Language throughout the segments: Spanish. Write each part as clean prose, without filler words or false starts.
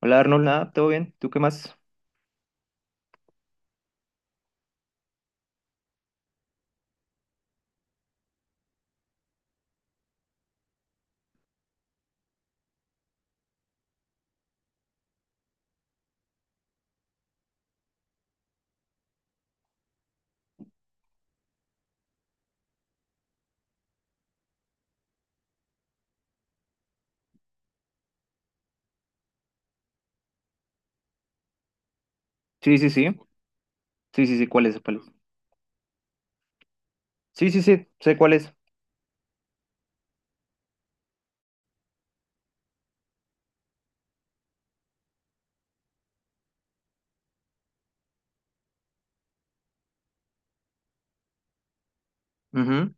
Hola Arnold, nada, ¿todo bien? ¿Tú qué más? Sí, sí, sí. Sí, sí, sí, ¿cuál es? ¿Cuál es? Sí, sí, sí, sé cuál es. Ujú.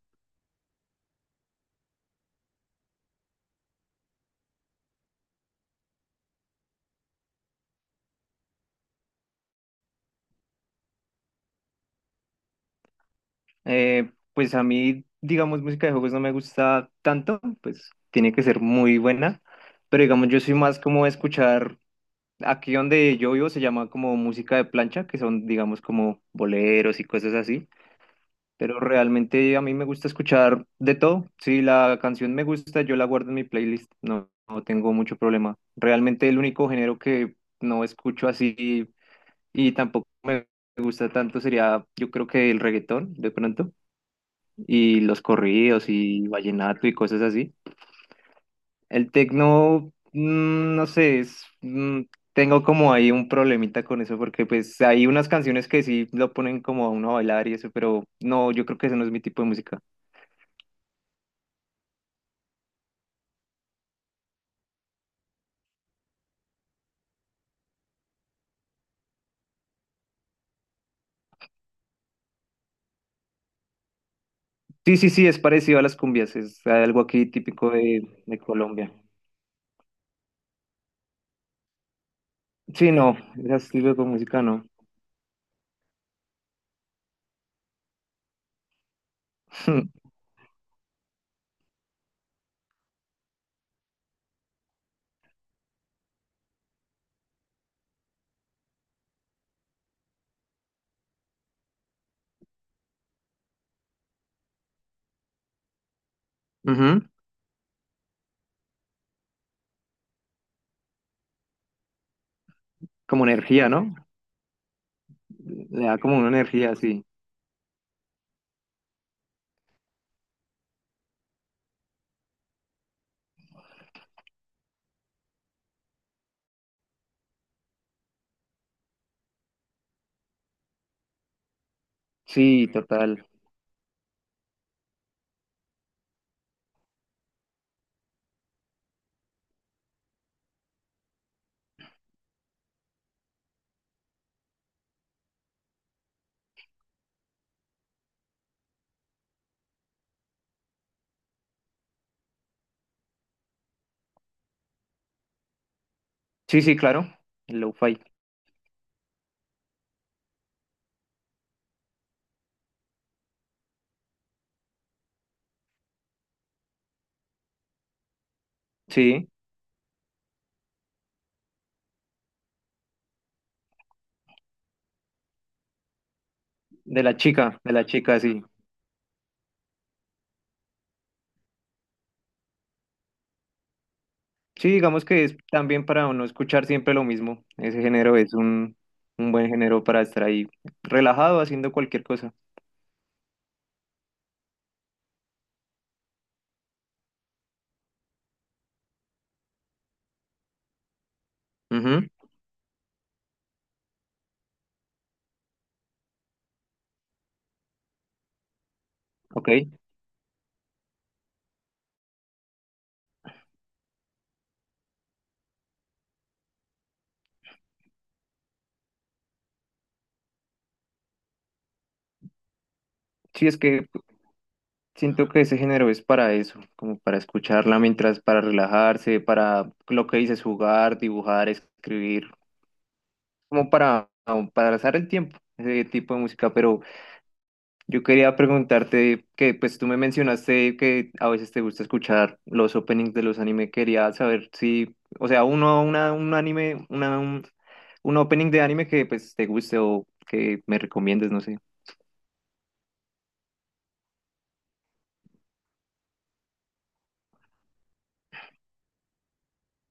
Pues a mí, digamos, música de juegos no me gusta tanto, pues tiene que ser muy buena, pero digamos, yo soy más como escuchar, aquí donde yo vivo se llama como música de plancha, que son, digamos, como boleros y cosas así. Pero realmente a mí me gusta escuchar de todo. Si la canción me gusta, yo la guardo en mi playlist. No, no tengo mucho problema. Realmente el único género que no escucho así y tampoco me gusta tanto sería, yo creo que el reggaetón, de pronto, y los corridos y vallenato y cosas así. El tecno, mm, no sé, es, mm, tengo como ahí un problemita con eso porque pues hay unas canciones que sí lo ponen como a uno a bailar y eso, pero no, yo creo que ese no es mi tipo de música. Sí, sí, sí, es parecido a las cumbias, es algo aquí típico de Colombia. Sí, no, es estilo de música, no. Ujú. ¿Como energía, no? Le da como una energía, sí. Sí, total. Sí, sí, claro, el lo-fi. Sí, de la chica, sí. Sí, digamos que es también para no escuchar siempre lo mismo. Ese género es un buen género para estar ahí relajado haciendo cualquier cosa. Ujú. Ok. Sí, es que siento que ese género es para eso, como para escucharla mientras, para relajarse, para lo que dices, jugar, dibujar, escribir, como para pasar el tiempo, ese tipo de música. Pero yo quería preguntarte que, pues tú me mencionaste que a veces te gusta escuchar los openings de los anime. Quería saber si, o sea, uno, una, un anime, una, un opening de anime que pues te guste o que me recomiendes, no sé.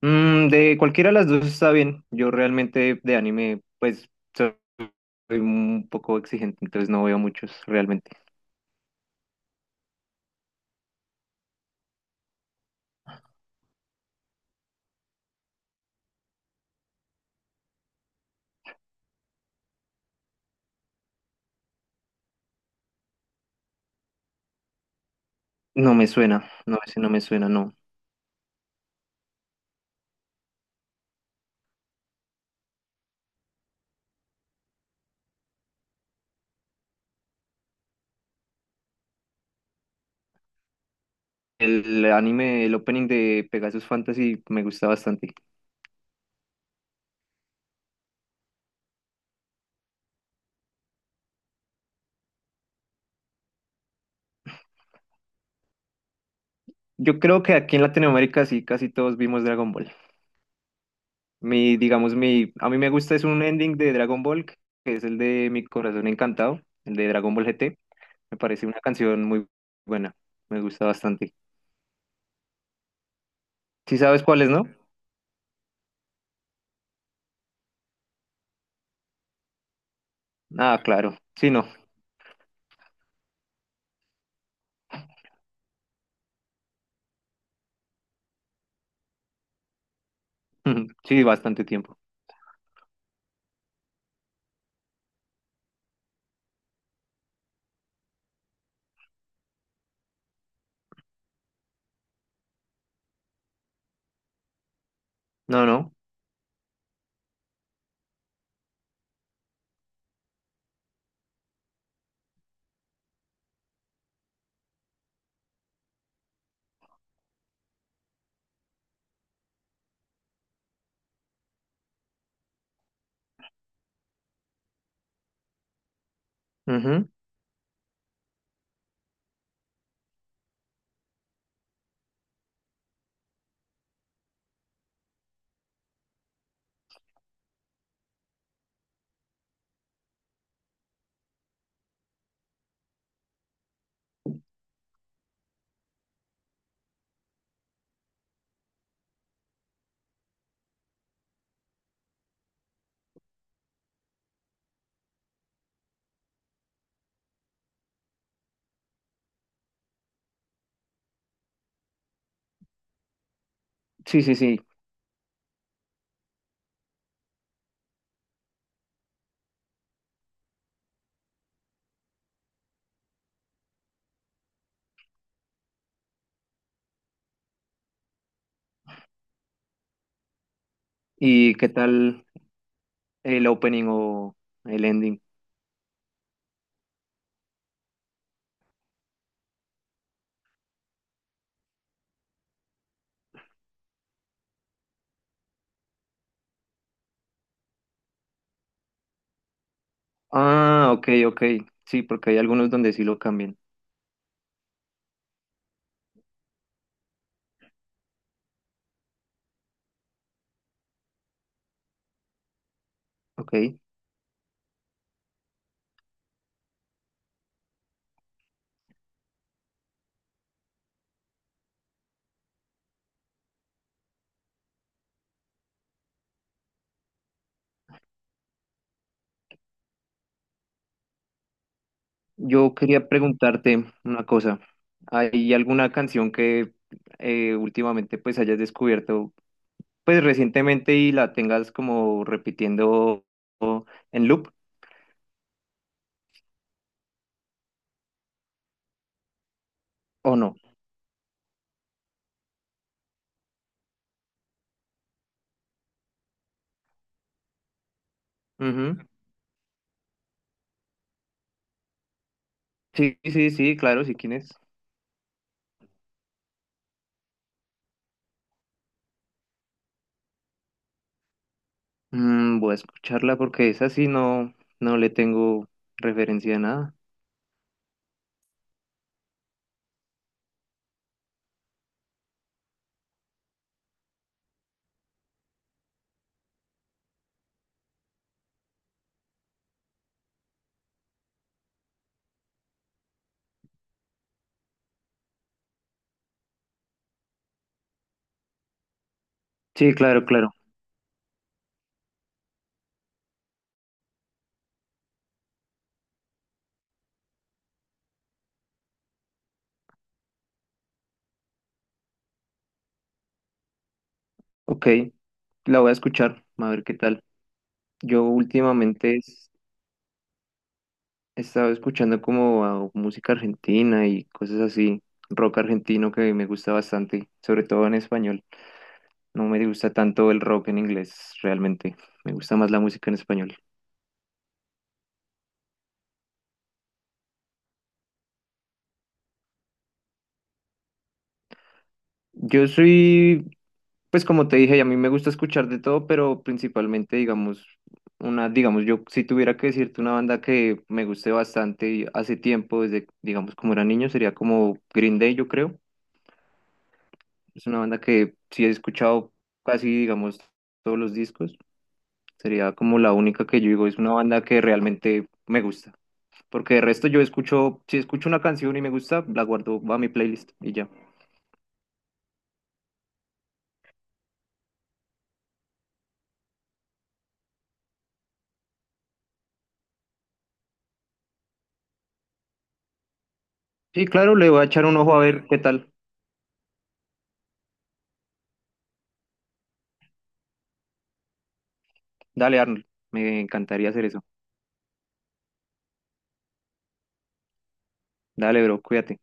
Mm, de cualquiera de las dos está bien. Yo realmente de anime, pues, soy un poco exigente, entonces no veo muchos realmente. No me suena, no, ese no me suena, no. El anime, el opening de Pegasus Fantasy me gusta bastante. Yo creo que aquí en Latinoamérica sí, casi todos vimos Dragon Ball. Mi, digamos, mi, a mí me gusta es un ending de Dragon Ball, que es el de Mi Corazón Encantado, el de Dragon Ball GT. Me parece una canción muy buena, me gusta bastante. ¿Sí sabes cuál es, no? Ah, claro, sí, no. Sí, bastante tiempo. No, no. Ujú. Sí, sí, sí. ¿Y qué tal? El opening o el ending. Ah, ok, ok. Sí, porque hay algunos donde sí lo cambian. Ok. Yo quería preguntarte una cosa. ¿Hay alguna canción que últimamente pues hayas descubierto pues recientemente y la tengas como repitiendo o- en loop o no? Ujú. Sí, sí, sí, claro, sí, ¿quién es? Mm, voy a escucharla porque esa sí no, no le tengo referencia a nada. Sí, claro, claro. Ok, la voy a escuchar, a ver qué tal. Yo últimamente he estado escuchando como a música argentina y cosas así, rock argentino que me gusta bastante, sobre todo en español. No me gusta tanto el rock en inglés, realmente. Me gusta más la música en español. Yo soy, pues como te dije, a mí me gusta escuchar de todo, pero principalmente, digamos, una, digamos, yo si tuviera que decirte una banda que me guste bastante y hace tiempo, desde, digamos, como era niño, sería como Green Day, yo creo. Es una banda que sí he escuchado casi, digamos, todos los discos. Sería como la única que yo digo, es una banda que realmente me gusta. Porque de resto yo escucho, si escucho una canción y me gusta, la guardo va a mi playlist y ya. Sí, claro, le voy a echar un ojo a ver qué tal. Dale, Arnold. Me encantaría hacer eso. Dale, bro, cuídate.